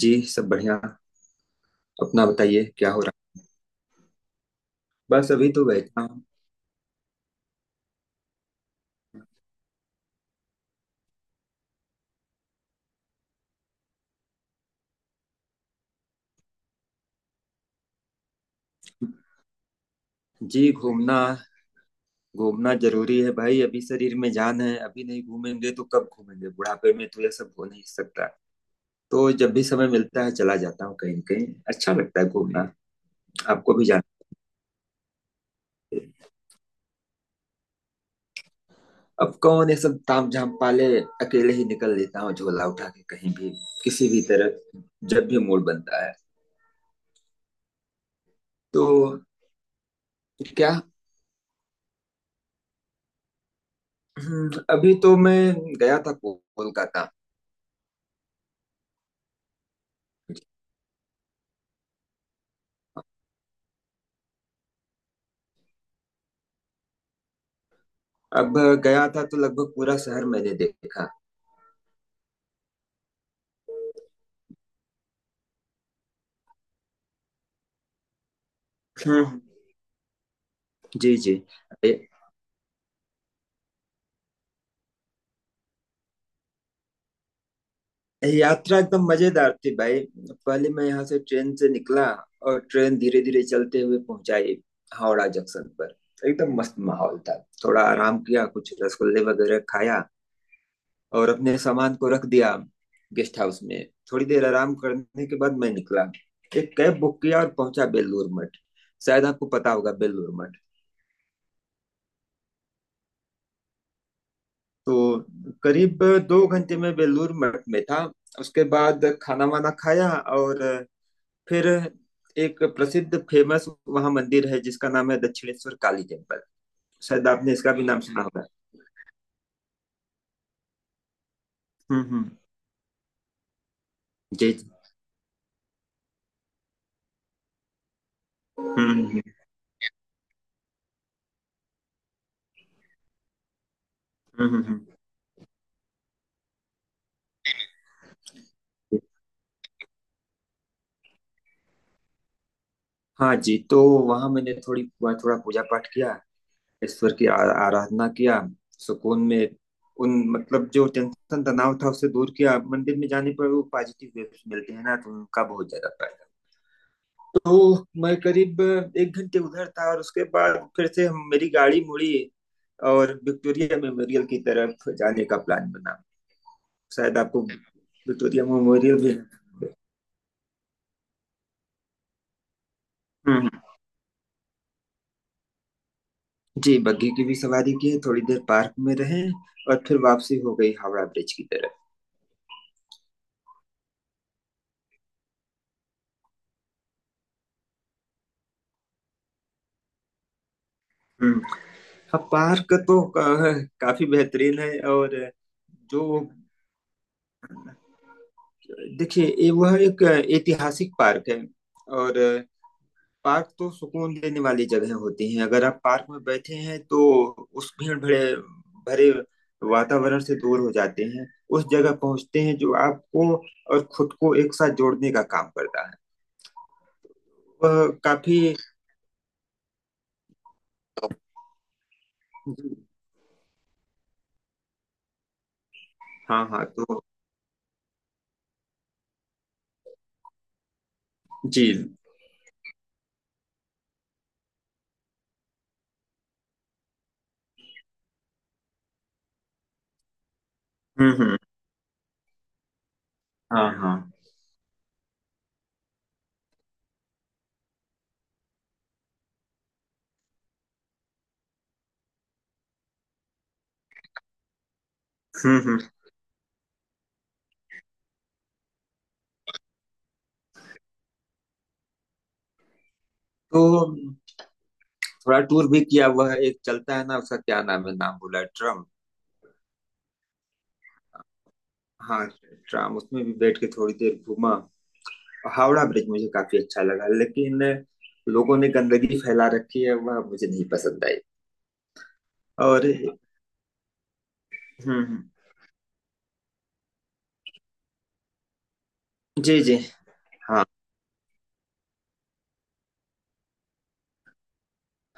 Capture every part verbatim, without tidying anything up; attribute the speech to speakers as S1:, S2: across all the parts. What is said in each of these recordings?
S1: जी। सब बढ़िया। अपना बताइए क्या हो रहा। बस अभी तो बैठा हूँ। जी। घूमना। घूमना जरूरी है भाई। अभी शरीर में जान है, अभी नहीं घूमेंगे तो कब घूमेंगे। बुढ़ापे में तो यह सब हो नहीं सकता। तो जब भी समय मिलता है चला जाता हूँ कहीं न कहीं। अच्छा लगता है घूमना। आपको भी जाना चाहिए। अब कौन ये सब ताम झाम पाले। अकेले ही निकल लेता हूँ झोला उठा के कहीं भी, किसी भी तरह, जब भी मूड बनता है। तो क्या। हम्म, अभी तो मैं गया था को- कोलकाता। अब गया था तो लगभग पूरा शहर मैंने देखा। हम्म। जी, जी। ए- यात्रा एकदम मजेदार थी भाई। पहले मैं यहाँ से ट्रेन से निकला और ट्रेन धीरे धीरे चलते हुए पहुंचाई हावड़ा जंक्शन पर। एकदम मस्त माहौल था। थोड़ा आराम किया, कुछ रसगुल्ले वगैरह खाया और अपने सामान को रख दिया गेस्ट हाउस में। थोड़ी देर आराम करने के बाद मैं निकला, एक कैब बुक किया और पहुंचा बेलूर मठ। शायद आपको पता होगा बेलूर मठ। तो करीब दो घंटे में बेलूर मठ में था। उसके बाद खाना वाना खाया, और फिर एक प्रसिद्ध फेमस वहाँ मंदिर है जिसका नाम है दक्षिणेश्वर काली टेम्पल। शायद आपने इसका भी नाम सुना होगा। हम्म, हम्म। जी, जी। हम्म, हम्म। हम्म, हम्म, हम्म। हाँ जी, तो वहाँ मैंने थोड़ी थोड़ा पूजा पाठ किया। ईश्वर की आ- आराधना किया। सुकून में। उन मतलब जो टेंशन तनाव था उसे दूर किया। मंदिर में जाने पर वो पॉजिटिव वेव्स मिलते हैं ना, तो उनका बहुत ज्यादा। तो मैं करीब एक घंटे उधर था और उसके बाद फिर से हम मेरी गाड़ी मुड़ी। और विक्टोरिया मेमोरियल की तरफ जाने का प्लान बना। शायद आपको विक्टोरिया मेमोरियल भी। हम्म। जी, बग्घी की भी सवारी की, थोड़ी देर पार्क में रहे, और फिर वापसी हो गई हावड़ा ब्रिज की तरफ। हम्म। हाँ, पार्क तो का, काफी बेहतरीन है, और जो देखिए ये वह एक ऐतिहासिक पार्क है। और पार्क तो सुकून देने वाली जगह होती हैं। अगर आप पार्क में बैठे हैं तो उस भीड़ भरे भरे वातावरण से दूर हो जाते हैं। उस जगह पहुंचते हैं जो आपको और खुद को एक साथ जोड़ने का काम करता है। वह काफी। हाँ, हाँ, तो। जी। हम्म, हम्म। हाँ, हाँ। हम्म, हम्म। तो थोड़ा टूर भी किया हुआ है, एक चलता है ना, उसका क्या नाम है, नाम भूला, ट्रम। हाँ, ट्राम उसमें भी बैठ के थोड़ी देर घूमा। हावड़ा ब्रिज मुझे काफी अच्छा लगा, लेकिन लोगों ने गंदगी फैला रखी है वह मुझे नहीं पसंद आई। और। हम्म, हम्म, जी, जी, हाँ,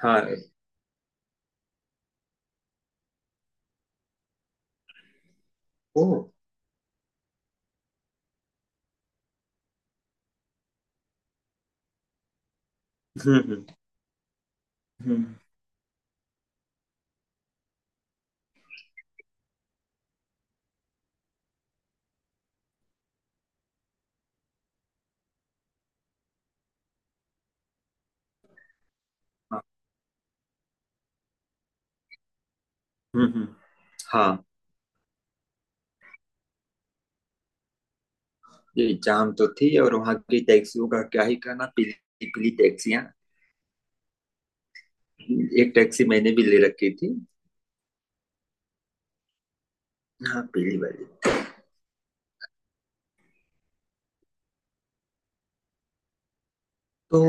S1: हाँ, ओ, हम्म, हम्म, हम्म, हाँ, हम्म, हम्म, हाँ। ये जाम तो थी, और वहाँ की टैक्सियों का क्या ही कहना। पीली पीली टैक्सियाँ। एक टैक्सी मैंने भी ले रखी थी। हाँ, पीली वाली। तो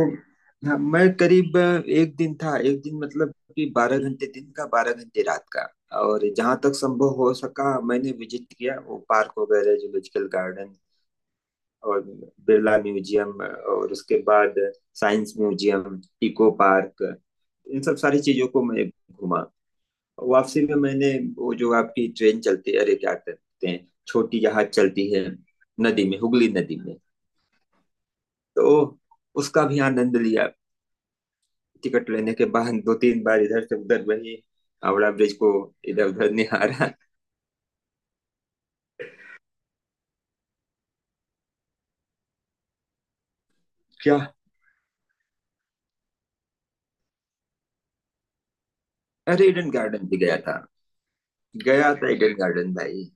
S1: हाँ, मैं करीब एक दिन था, एक दिन मतलब कि बारह घंटे दिन का, बारह घंटे रात का। और जहां तक संभव हो सका मैंने विजिट किया वो पार्क वगैरह, जूलॉजिकल गार्डन, और बिरला म्यूजियम, और उसके बाद साइंस म्यूजियम, इको पार्क, इन सब सारी चीजों को मैं घूमा। वापसी में मैंने वो जो आपकी ट्रेन चलती है, अरे क्या कहते हैं, छोटी जहाज चलती है नदी में, हुगली नदी में, तो उसका भी आनंद लिया। टिकट लेने के बाद दो तीन बार इधर से उधर वही हावड़ा ब्रिज को इधर उधर निहारा। क्या। अरे, ईडन गार्डन भी गया था। गया था ईडन गार्डन भाई।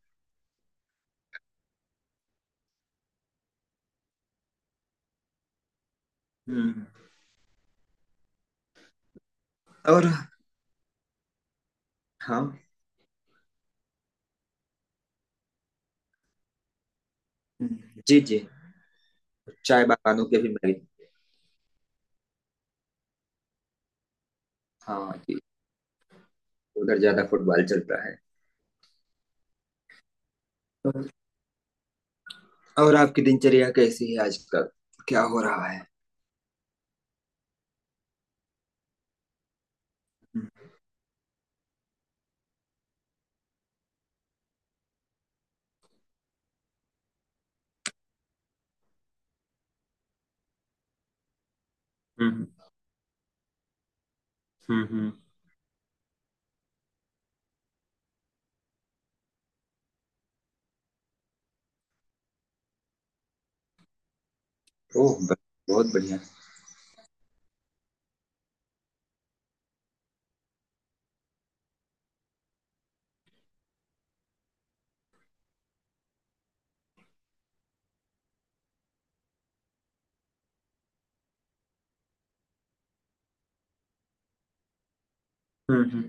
S1: हम्म। और। हाँ। हम्म, जी, जी। चाय बागानों के भी मैं। हाँ जी, उधर ज्यादा फुटबॉल चलता है। और आपकी दिनचर्या कैसी है आजकल? क्या हो रहा है? हम्म, हम्म, हम्म, हम्म। ओह, ब- बहुत बढ़िया। हम्म, हम्म।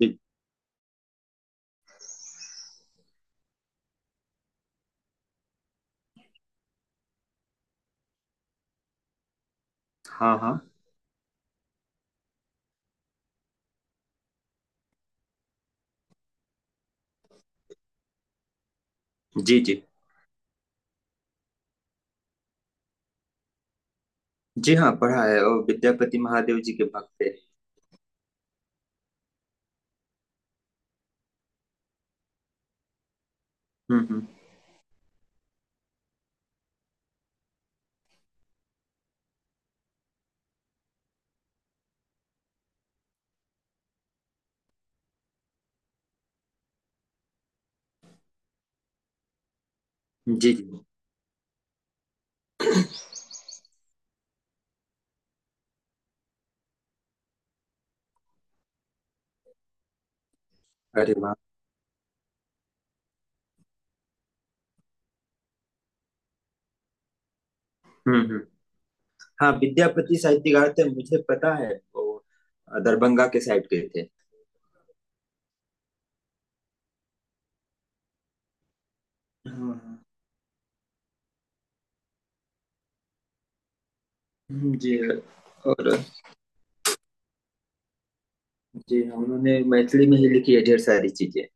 S1: जी। हाँ, हाँ। जी, जी। जी। हाँ, पढ़ा है और विद्यापति महादेव जी के भक्त थे। हम्म, हम्म। जी, जी। अरे वाह! हुँ, हुँ। हाँ, विद्यापति साहित्यकार थे, मुझे पता है वो अ, दरभंगा के साइड के थे। हाँ, हाँ। हुँ, जी। और। जी, हाँ, उन्होंने मैथिली में ही लिखी है ढेर सारी चीज़ें।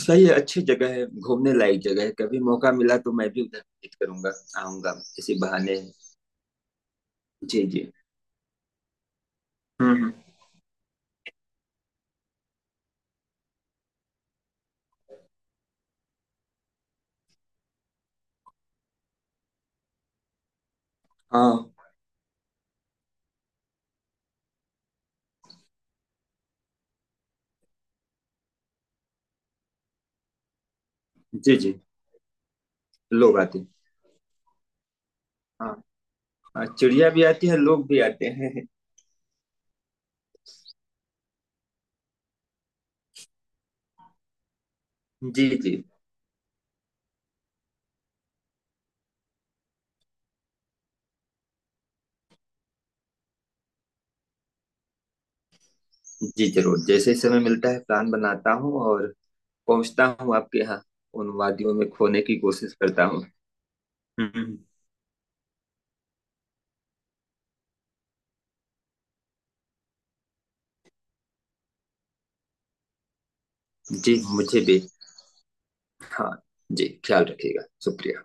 S1: सही है, अच्छी जगह है, घूमने लायक जगह है, कभी मौका मिला तो मैं भी उधर विज़िट करूँगा, आऊँगा इसी बहाने। जी, जी। हुँ, हुँ। हाँ, जी, जी, लोग आते हैं। हाँ, अ, चिड़िया भी आती है, लोग भी आते हैं। जी, जी। जी, ज़रूर, जैसे ही समय मिलता है प्लान बनाता हूँ और पहुंचता हूँ आपके यहाँ। उन वादियों में खोने की कोशिश करता हूँ। हम्म, जी, मुझे भी। हाँ जी, ख्याल रखिएगा। शुक्रिया।